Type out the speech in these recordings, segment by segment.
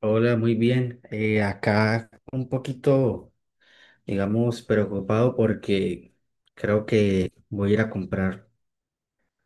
Hola, muy bien. Acá un poquito, digamos, preocupado porque creo que voy a ir a comprar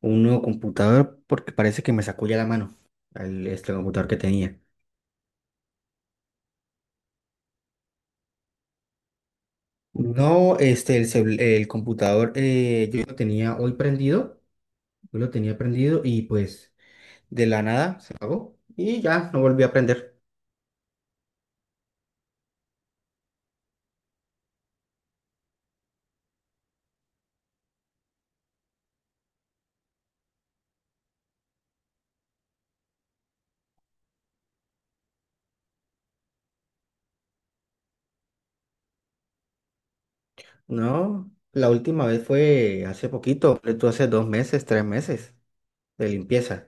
un nuevo computador porque parece que me sacó ya la mano este computador que tenía. No, el computador. Yo lo tenía hoy prendido, yo lo tenía prendido y pues de la nada se apagó y ya no volví a prender. No, la última vez fue hace poquito, fue tú hace 2 meses, 3 meses de limpieza.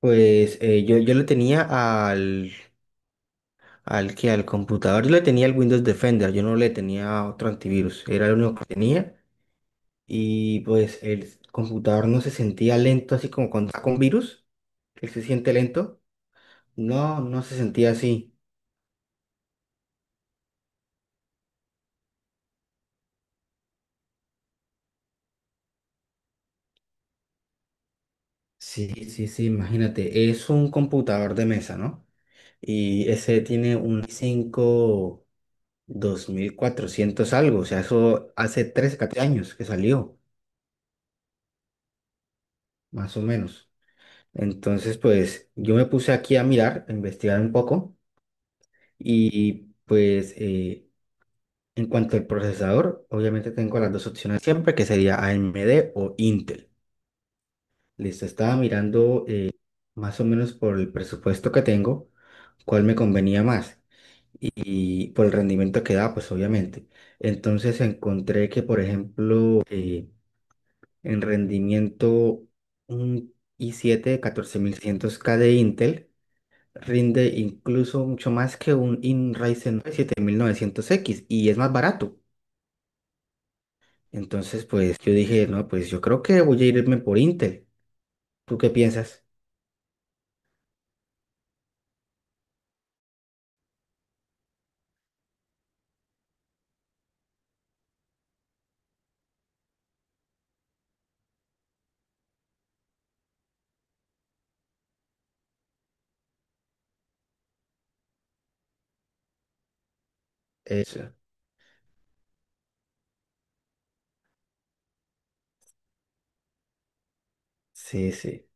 Pues, yo le tenía al, al computador, yo le tenía el Windows Defender, yo no le tenía otro antivirus, era el único que tenía y pues el computador no se sentía lento así como cuando está con virus, él se siente lento, no, no se sentía así. Sí, sí, sí, imagínate, es un computador de mesa, ¿no? Y ese tiene un i5 2400 algo, o sea, eso hace 13, 14 años que salió, más o menos. Entonces, pues yo me puse aquí a mirar, a investigar un poco y pues en cuanto al procesador, obviamente tengo las dos opciones siempre, que sería AMD o Intel. Listo, estaba mirando más o menos por el presupuesto que tengo, cuál me convenía más y por el rendimiento que da, pues obviamente. Entonces encontré que, por ejemplo, en rendimiento un i7 14600K de Intel rinde incluso mucho más que un in Ryzen 7900X y es más barato. Entonces, pues yo dije, no, pues yo creo que voy a irme por Intel. ¿Tú qué piensas? Eso. Sí, sí.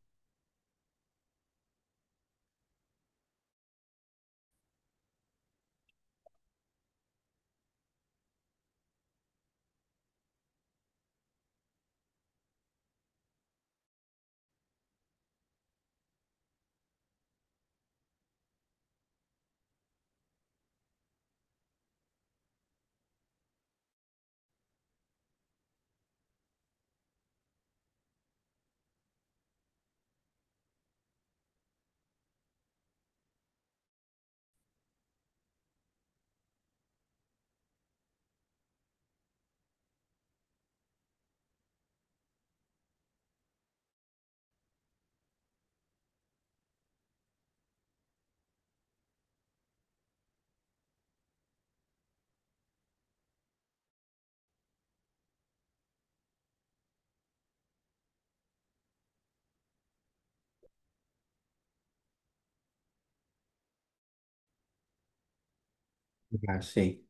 Ah, sí.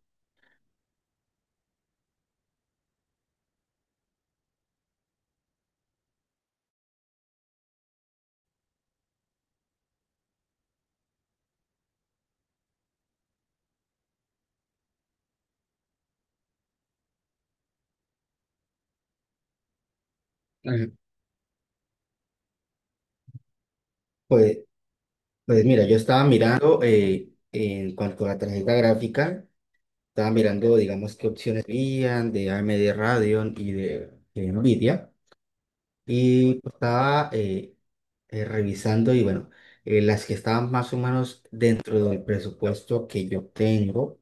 Ajá. Pues, pues, mira, yo estaba mirando en cuanto a la tarjeta gráfica, estaba mirando, digamos, qué opciones habían de AMD Radeon y de Nvidia. Y pues, estaba revisando y bueno, las que estaban más o menos dentro del presupuesto que yo tengo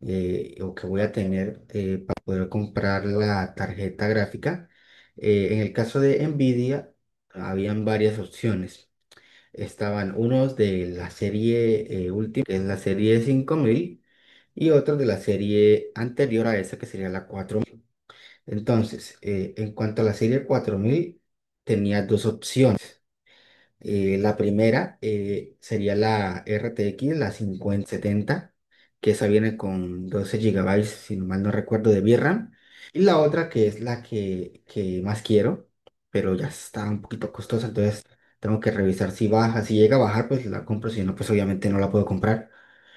o que voy a tener para poder comprar la tarjeta gráfica. En el caso de Nvidia, habían varias opciones. Estaban unos de la serie última, que es la serie 5000 y otros de la serie anterior a esa, que sería la entonces, en cuanto a la serie 4000 tenía dos opciones. La primera sería la RTX, la 5070, que esa viene con 12 GB, si no mal no recuerdo, de VRAM. Y la otra, que es la que más quiero, pero ya está un poquito costosa, entonces tengo que revisar si baja. Si llega a bajar, pues la compro, si no, pues obviamente no la puedo comprar.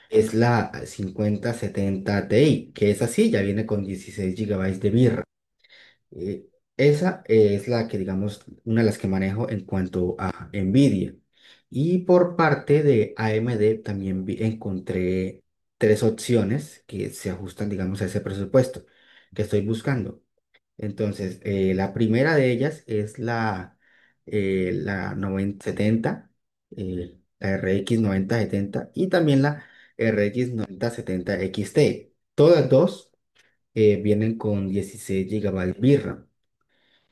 Es la 5070 Ti, que es así, ya viene con 16 GB de VRAM. Eh, esa es la que, digamos, una de las que manejo en cuanto a Nvidia. Y por parte de AMD también encontré tres opciones que se ajustan, digamos, a ese presupuesto que estoy buscando. Entonces, la primera de ellas es la 9070, la RX 9070 y también la RX 9070 XT. Todas dos vienen con 16 GB RAM.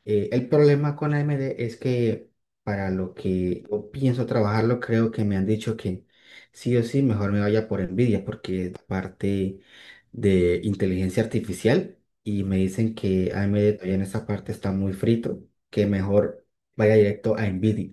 El problema con AMD es que para lo que yo pienso trabajarlo, creo que me han dicho que sí o sí, mejor me vaya por Nvidia porque es parte de inteligencia artificial y me dicen que AMD todavía en esa parte está muy frito, que mejor vaya directo a Nvidia.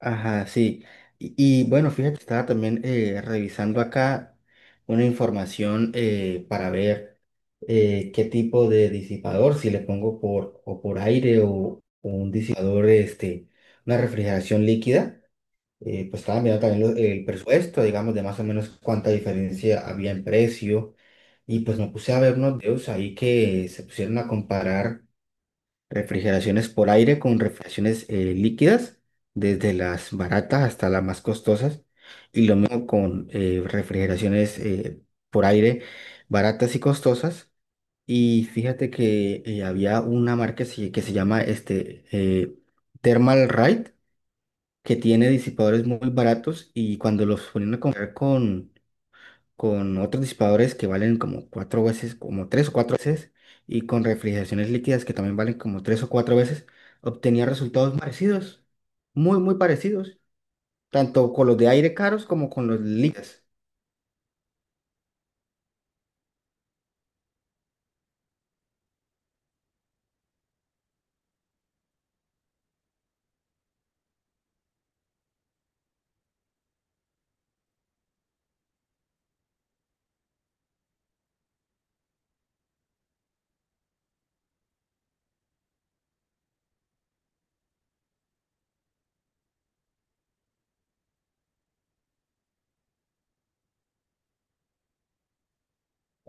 Ajá, sí. Y, y, bueno, fíjate, estaba también revisando acá una información para ver qué tipo de disipador, si le pongo por o por aire o un disipador, una refrigeración líquida. Pues estaba mirando también el presupuesto, digamos, de más o menos cuánta diferencia había en precio. Y pues me puse a ver unos videos ahí que se pusieron a comparar refrigeraciones por aire con refrigeraciones líquidas, desde las baratas hasta las más costosas. Y lo mismo con refrigeraciones por aire baratas y costosas. Y fíjate que había una marca que se llama Thermal Right que tiene disipadores muy baratos y cuando los ponían a comprar con otros disipadores que valen como cuatro veces, como tres o cuatro veces, y con refrigeraciones líquidas que también valen como tres o cuatro veces, obtenía resultados parecidos, muy, muy parecidos, tanto con los de aire caros como con los líquidos.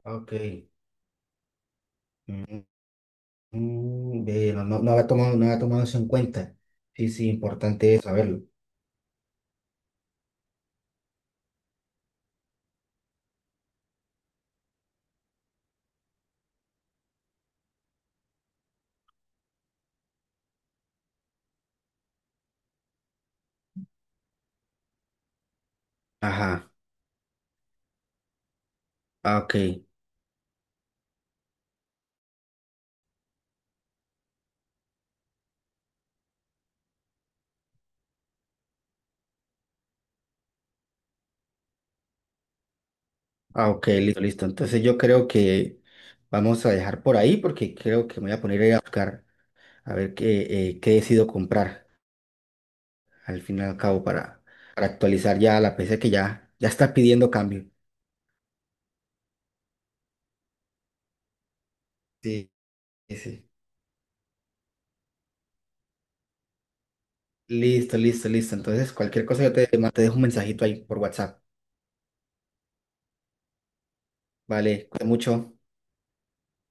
Ok. Mm, ve, no, no, no había tomado eso en cuenta. Sí, sí, importante es saberlo. Ajá, ah, ok, ah, ok, listo, listo. Entonces yo creo que vamos a dejar por ahí porque creo que me voy a poner a ir a buscar a ver qué decido comprar. Al fin y al cabo, para actualizar ya la PC que ya, ya está pidiendo cambio. Sí, sí. Sí. Listo, listo, listo. Entonces, cualquier cosa yo te dejo un mensajito ahí por WhatsApp. Vale, cuídate mucho.